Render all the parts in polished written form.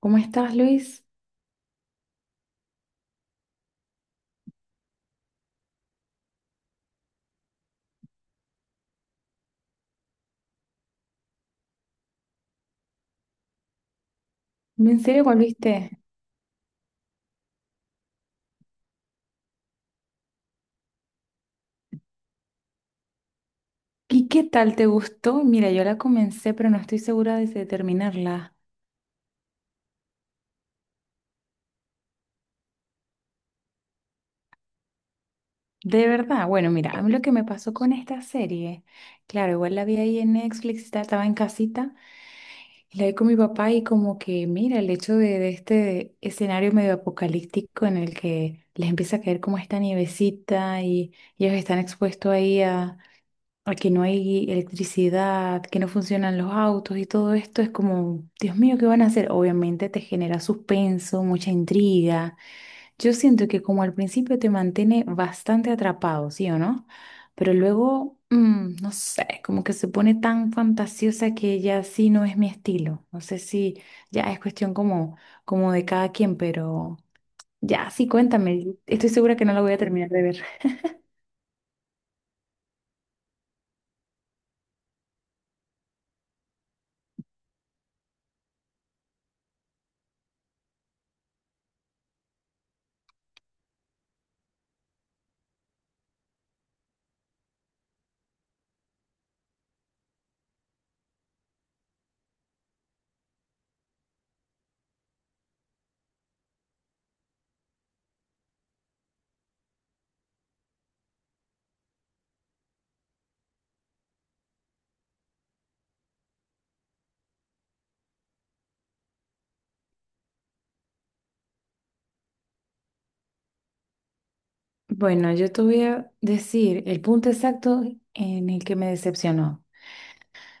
¿Cómo estás, Luis? ¿En serio volviste? ¿Y qué tal te gustó? Mira, yo la comencé, pero no estoy segura de si terminarla. De verdad, bueno, mira, a mí lo que me pasó con esta serie, claro, igual la vi ahí en Netflix, estaba en casita, y la vi con mi papá y como que, mira, el hecho de este escenario medio apocalíptico en el que les empieza a caer como esta nievecita y ellos están expuestos ahí a que no hay electricidad, que no funcionan los autos y todo esto es como, Dios mío, ¿qué van a hacer? Obviamente te genera suspenso, mucha intriga. Yo siento que como al principio te mantiene bastante atrapado, ¿sí o no? Pero luego, no sé, como que se pone tan fantasiosa que ya sí no es mi estilo. No sé si ya es cuestión como, como de cada quien, pero ya sí, cuéntame. Estoy segura que no la voy a terminar de ver. Bueno, yo te voy a decir el punto exacto en el que me decepcionó.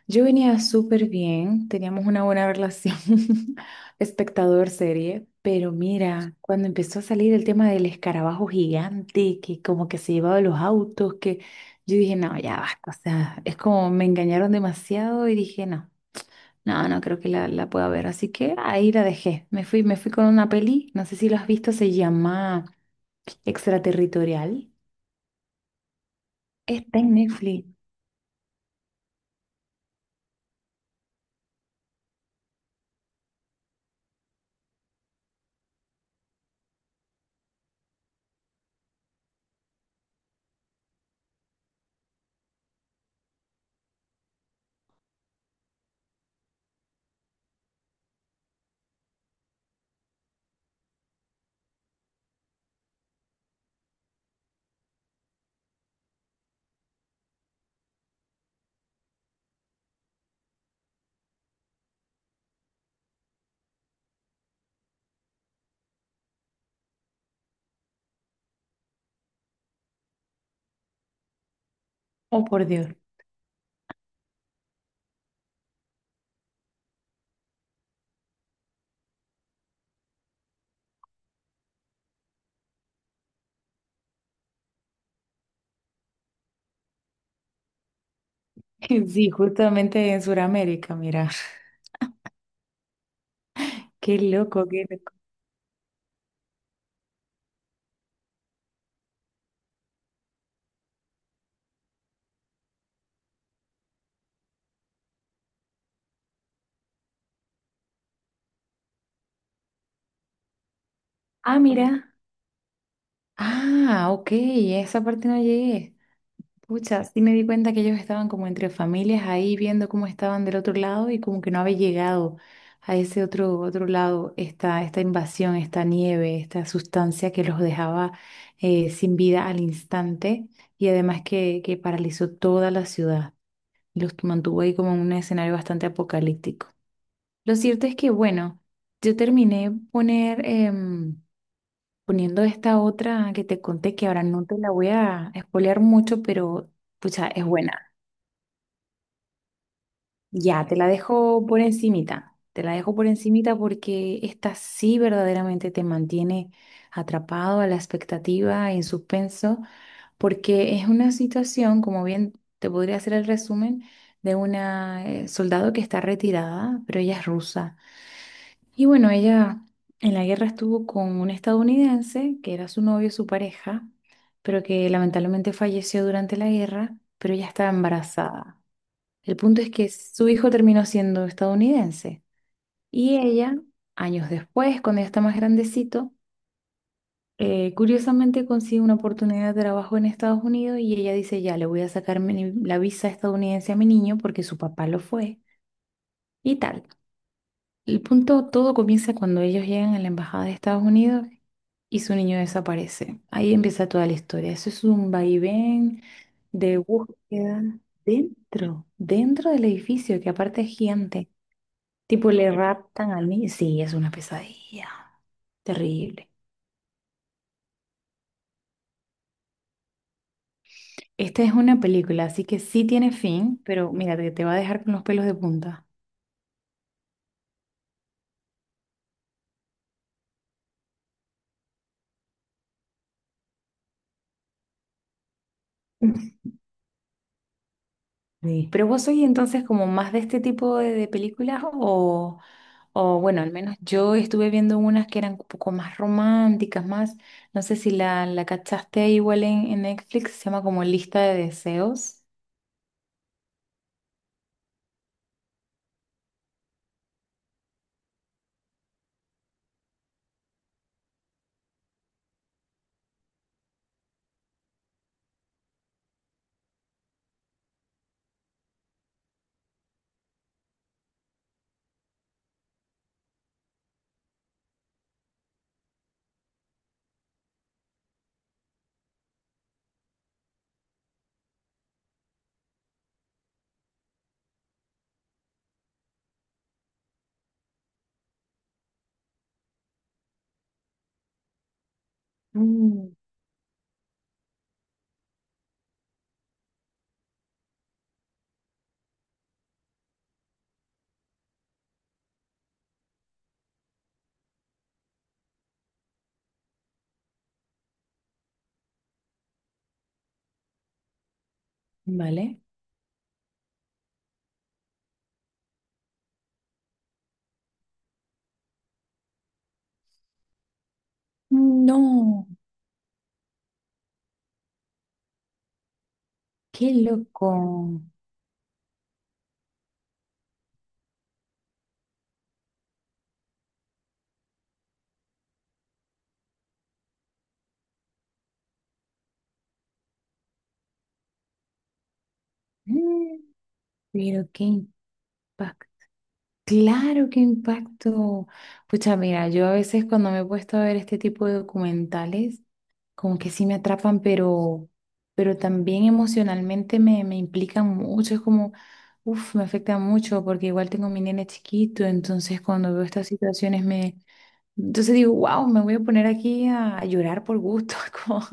Yo venía súper bien, teníamos una buena relación, espectador serie, pero mira, cuando empezó a salir el tema del escarabajo gigante, que como que se llevaba los autos, que yo dije, no, ya basta, o sea, es como me engañaron demasiado y dije, no, no, no creo que la pueda ver, así que ahí la dejé. Me fui con una peli, no sé si lo has visto, se llama Extraterritorial. Está en Netflix. Oh, por Dios. Sí, justamente en Sudamérica, mira. Qué loco, qué loco. Ah, mira. Ah, ok, esa parte no llegué. Pucha, sí me di cuenta que ellos estaban como entre familias ahí viendo cómo estaban del otro lado y como que no había llegado a ese otro lado esta invasión, esta nieve, esta sustancia que los dejaba sin vida al instante y además que paralizó toda la ciudad y los mantuvo ahí como en un escenario bastante apocalíptico. Lo cierto es que, bueno, yo terminé poner, poniendo esta otra que te conté, que ahora no te la voy a spoilear mucho, pero pucha, es buena. Ya, te la dejo por encimita. Te la dejo por encimita porque esta sí verdaderamente te mantiene atrapado a la expectativa, en suspenso, porque es una situación, como bien te podría hacer el resumen, de una soldado que está retirada, pero ella es rusa. Y bueno, ella en la guerra estuvo con un estadounidense que era su novio, su pareja, pero que lamentablemente falleció durante la guerra, pero ella estaba embarazada. El punto es que su hijo terminó siendo estadounidense y ella, años después, cuando ya está más grandecito, curiosamente consigue una oportunidad de trabajo en Estados Unidos y ella dice, ya, le voy a sacar la visa estadounidense a mi niño porque su papá lo fue y tal. El punto, todo comienza cuando ellos llegan a la embajada de Estados Unidos y su niño desaparece. Ahí empieza toda la historia. Eso es un vaivén de búsqueda dentro del edificio, que aparte es gigante. Tipo, le raptan al niño. Sí, es una pesadilla. Terrible. Esta es una película, así que sí tiene fin, pero mira, te va a dejar con los pelos de punta. Sí. ¿Pero vos sois entonces como más de este tipo de películas o bueno, al menos yo estuve viendo unas que eran un poco más románticas, más, no sé si la cachaste igual en Netflix, se llama como Lista de Deseos. Mm. ¿Vale? No, qué loco. Mm. Pero qué impacto. Claro, qué impacto. Pucha, mira, yo a veces cuando me he puesto a ver este tipo de documentales, como que sí me atrapan, pero también emocionalmente me, me implican mucho, es como, uff, me afecta mucho porque igual tengo mi nene chiquito, entonces cuando veo estas situaciones me, entonces digo, wow, me voy a poner aquí a llorar por gusto, como-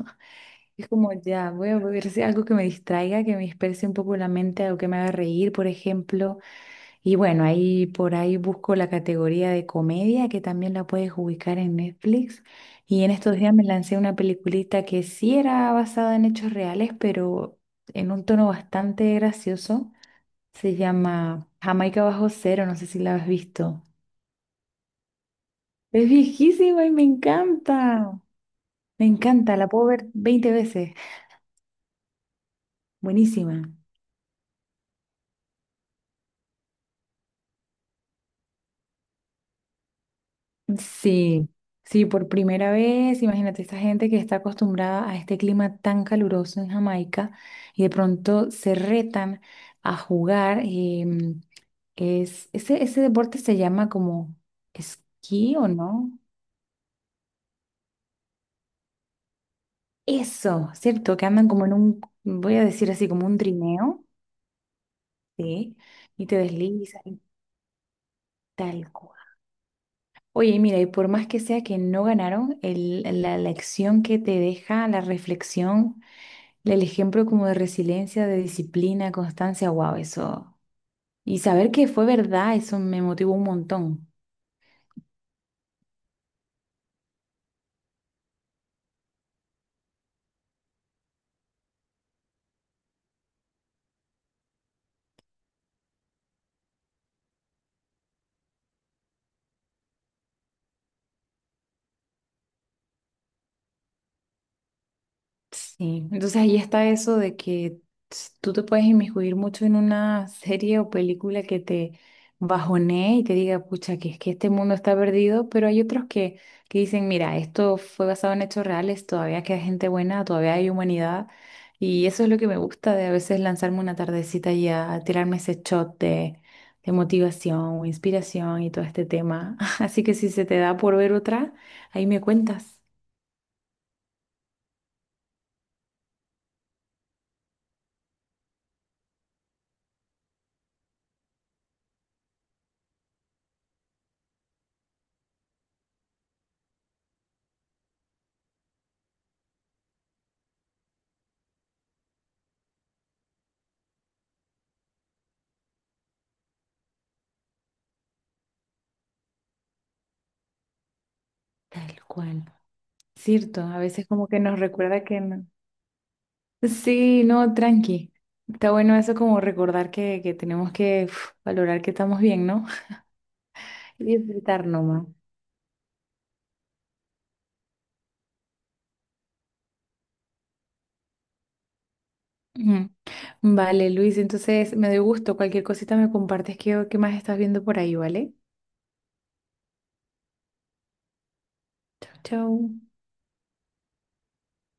es como ya, voy a ver si algo que me distraiga, que me disperse un poco la mente, algo que me haga reír, por ejemplo. Y bueno, ahí por ahí busco la categoría de comedia que también la puedes ubicar en Netflix. Y en estos días me lancé una peliculita que sí era basada en hechos reales, pero en un tono bastante gracioso. Se llama Jamaica Bajo Cero, no sé si la has visto. Es viejísima y me encanta. Me encanta, la puedo ver 20 veces. Buenísima. Sí, sí, por primera vez, imagínate esta gente que está acostumbrada a este clima tan caluroso en Jamaica y de pronto se retan a jugar. Es, ese deporte se llama como esquí o no. Eso, ¿cierto? Que andan como en un, voy a decir así, como un trineo, ¿sí? Y te deslizas y tal cual. Oye, mira, y por más que sea que no ganaron, la lección que te deja, la reflexión. El ejemplo como de resiliencia, de disciplina, constancia, wow, eso. Y saber que fue verdad, eso me motivó un montón. Sí, entonces ahí está eso de que tú te puedes inmiscuir mucho en una serie o película que te bajonee y te diga, pucha, que es que este mundo está perdido, pero hay otros que dicen, mira, esto fue basado en hechos reales, todavía queda gente buena, todavía hay humanidad, y eso es lo que me gusta de a veces lanzarme una tardecita y a tirarme ese shot de motivación o inspiración y todo este tema. Así que si se te da por ver otra, ahí me cuentas. Tal cual. Cierto, a veces como que nos recuerda que no... Sí, no, tranqui. Está bueno eso como recordar que tenemos que uf, valorar que estamos bien, ¿no? Y disfrutar nomás. Ujú. Vale, Luis, entonces me dio gusto. Cualquier cosita me compartes qué, qué más estás viendo por ahí, ¿vale? Chau, chau.